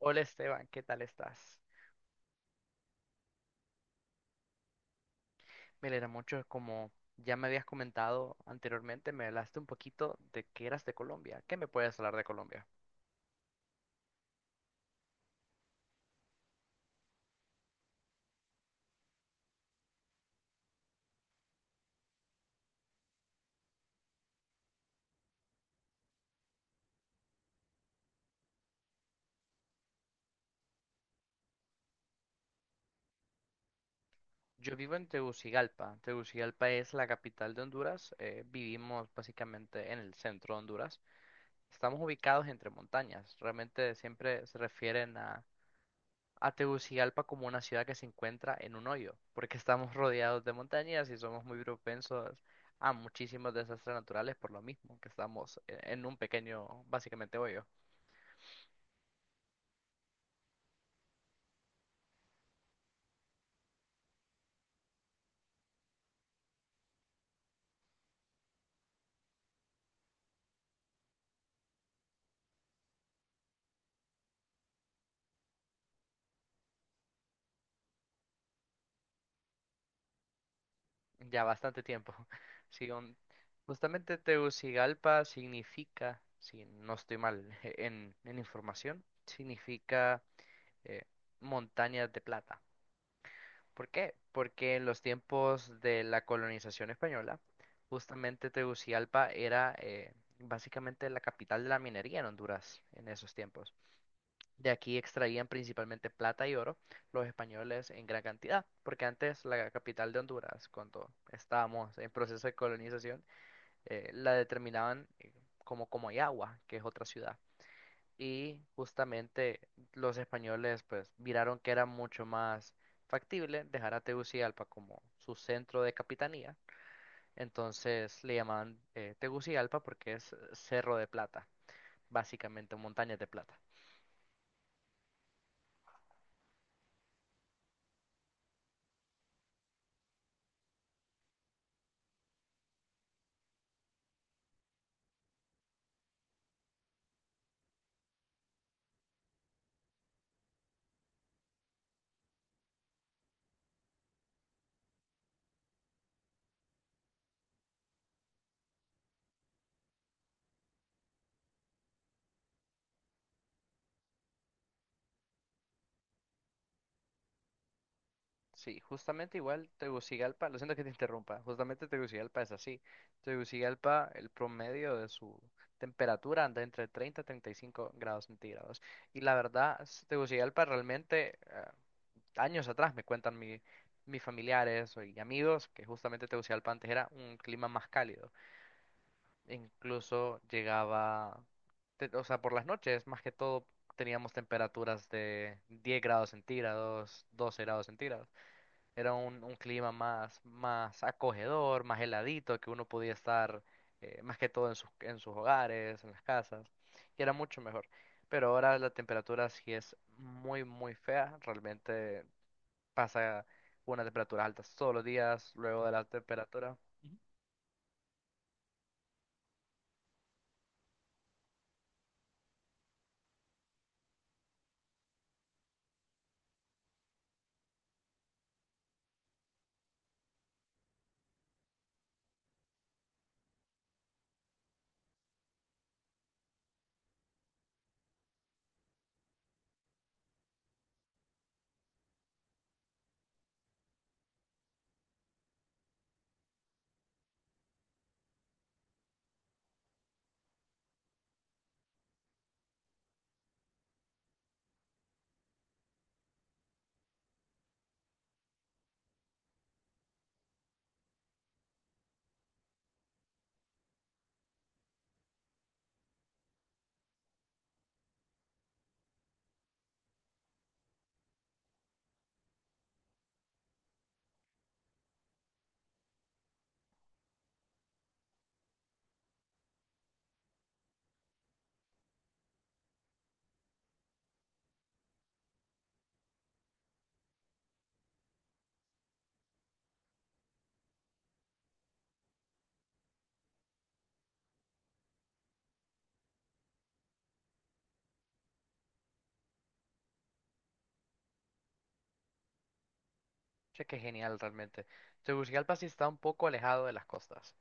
Hola Esteban, ¿qué tal estás? Me alegra mucho, como ya me habías comentado anteriormente, me hablaste un poquito de que eras de Colombia. ¿Qué me puedes hablar de Colombia? Yo vivo en Tegucigalpa. Tegucigalpa es la capital de Honduras. Vivimos básicamente en el centro de Honduras. Estamos ubicados entre montañas. Realmente siempre se refieren a Tegucigalpa como una ciudad que se encuentra en un hoyo, porque estamos rodeados de montañas y somos muy propensos a muchísimos desastres naturales por lo mismo, que en un pequeño, básicamente, hoyo, ya bastante tiempo. Sí, justamente Tegucigalpa significa, si no estoy mal en información, significa eh, montañas de plata. ¿Por qué? Porque en los tiempos de la colonización española, justamente Tegucigalpa era básicamente la capital de la minería en Honduras en esos tiempos. De aquí extraían principalmente plata y oro los españoles en gran cantidad, porque antes la capital de Honduras, cuando estábamos en proceso de colonización, la determinaban como Comayagua, que es otra ciudad. Y justamente los españoles pues miraron que era mucho más factible dejar a Tegucigalpa como su centro de capitanía. Entonces le llamaban Tegucigalpa porque es Cerro de Plata, básicamente montañas de plata. Sí, justamente igual Tegucigalpa, lo siento que te interrumpa, justamente Tegucigalpa es así. Tegucigalpa, el promedio de su temperatura anda entre 30 y 35 grados centígrados. Y la verdad, Tegucigalpa realmente, años atrás me cuentan mis familiares y amigos que justamente Tegucigalpa antes era un clima más cálido. Incluso llegaba, o sea, por las noches, más que todo, teníamos temperaturas de 10 grados centígrados, 12 grados centígrados. Era un clima más, más acogedor, más heladito, que uno podía estar más que todo en sus hogares, en las casas, y era mucho mejor. Pero ahora la temperatura sí es muy, muy fea, realmente pasa una temperatura alta todos los días, luego de la temperatura. Che, qué genial realmente. Tegucigalpa sí está un poco alejado de las costas,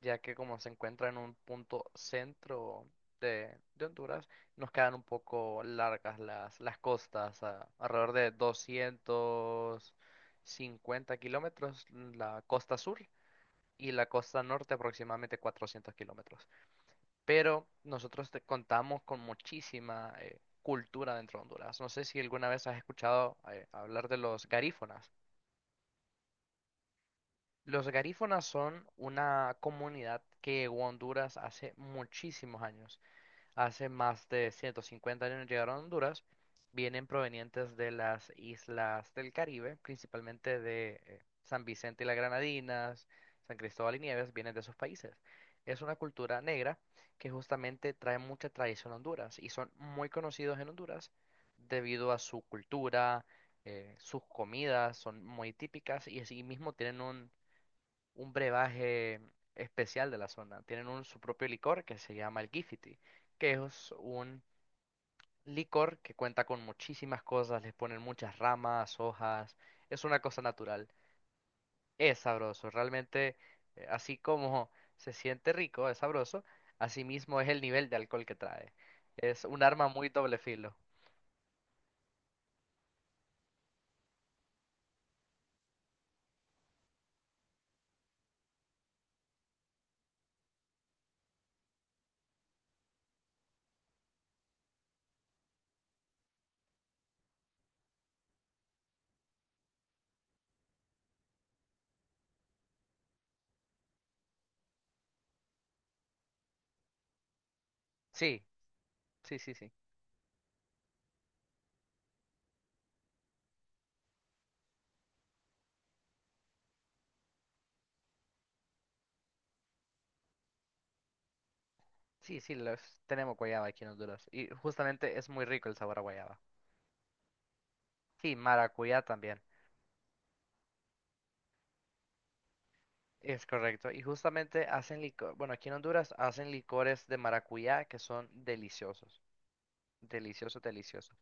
ya que como se encuentra en un punto centro de Honduras, nos quedan un poco largas las costas, alrededor de 250 kilómetros la costa sur y la costa norte aproximadamente 400 kilómetros. Pero contamos con muchísima cultura dentro de Honduras. No sé si alguna vez has escuchado hablar de los garífonas. Los garífonas son una comunidad que llegó a Honduras hace muchísimos años. Hace más de 150 años llegaron a Honduras, vienen provenientes de las islas del Caribe, principalmente de San Vicente y las Granadinas, San Cristóbal y Nieves, vienen de esos países. Es una cultura negra que justamente trae mucha tradición a Honduras y son muy conocidos en Honduras debido a su cultura, sus comidas son muy típicas y así mismo tienen un brebaje especial de la zona. Tienen su propio licor que se llama el Gifiti, que es un licor que cuenta con muchísimas cosas, les ponen muchas ramas, hojas, es una cosa natural. Es sabroso, realmente, así como se siente rico, es sabroso, asimismo es el nivel de alcohol que trae. Es un arma muy doble filo. Sí, sí, sí, sí. Sí, sí, los tenemos guayaba aquí en Honduras. Y justamente es muy rico el sabor a guayaba. Sí, maracuyá también. Es correcto. Y justamente hacen licor, bueno, aquí en Honduras hacen licores de maracuyá que son deliciosos. Deliciosos, deliciosos.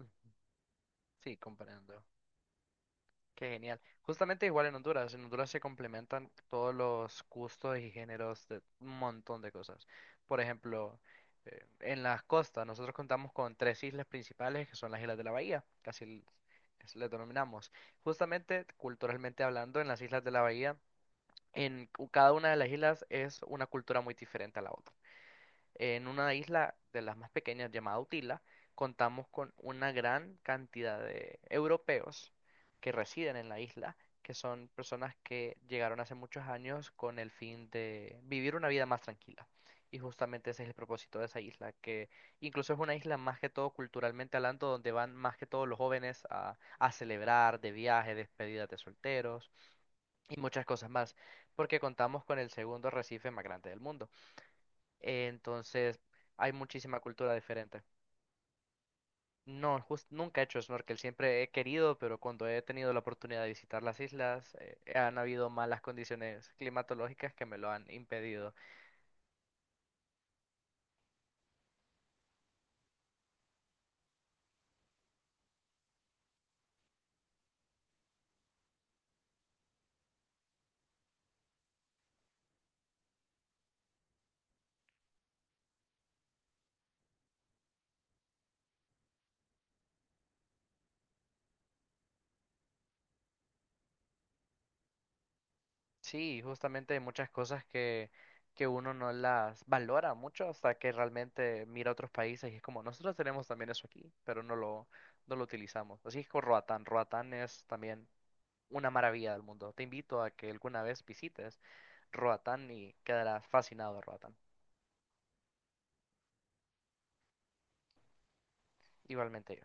Mm, sí, comprendo. Qué genial. Justamente igual en Honduras. En Honduras se complementan todos los gustos y géneros de un montón de cosas. Por ejemplo, en las costas, nosotros contamos con tres islas principales que son las Islas de la Bahía, le denominamos. Justamente, culturalmente hablando, en las Islas de la Bahía, cada una de las islas es una cultura muy diferente a la otra. En una isla de las más pequeñas llamada Utila, contamos con una gran cantidad de europeos que residen en la isla, que son personas que llegaron hace muchos años con el fin de vivir una vida más tranquila. Y justamente ese es el propósito de esa isla, que incluso es una isla más que todo culturalmente hablando, donde van más que todo los jóvenes a celebrar de viaje, despedidas de solteros y muchas cosas más, porque contamos con el segundo arrecife más grande del mundo. Entonces, hay muchísima cultura diferente. No, nunca he hecho snorkel, siempre he querido, pero cuando he tenido la oportunidad de visitar las islas, han habido malas condiciones climatológicas que me lo han impedido. Sí, justamente hay muchas cosas que uno no las valora mucho hasta que realmente mira otros países y es como, nosotros tenemos también eso aquí, pero no lo utilizamos. Así es con Roatán. Roatán es también una maravilla del mundo. Te invito a que alguna vez visites Roatán y quedarás fascinado de Roatán. Igualmente yo.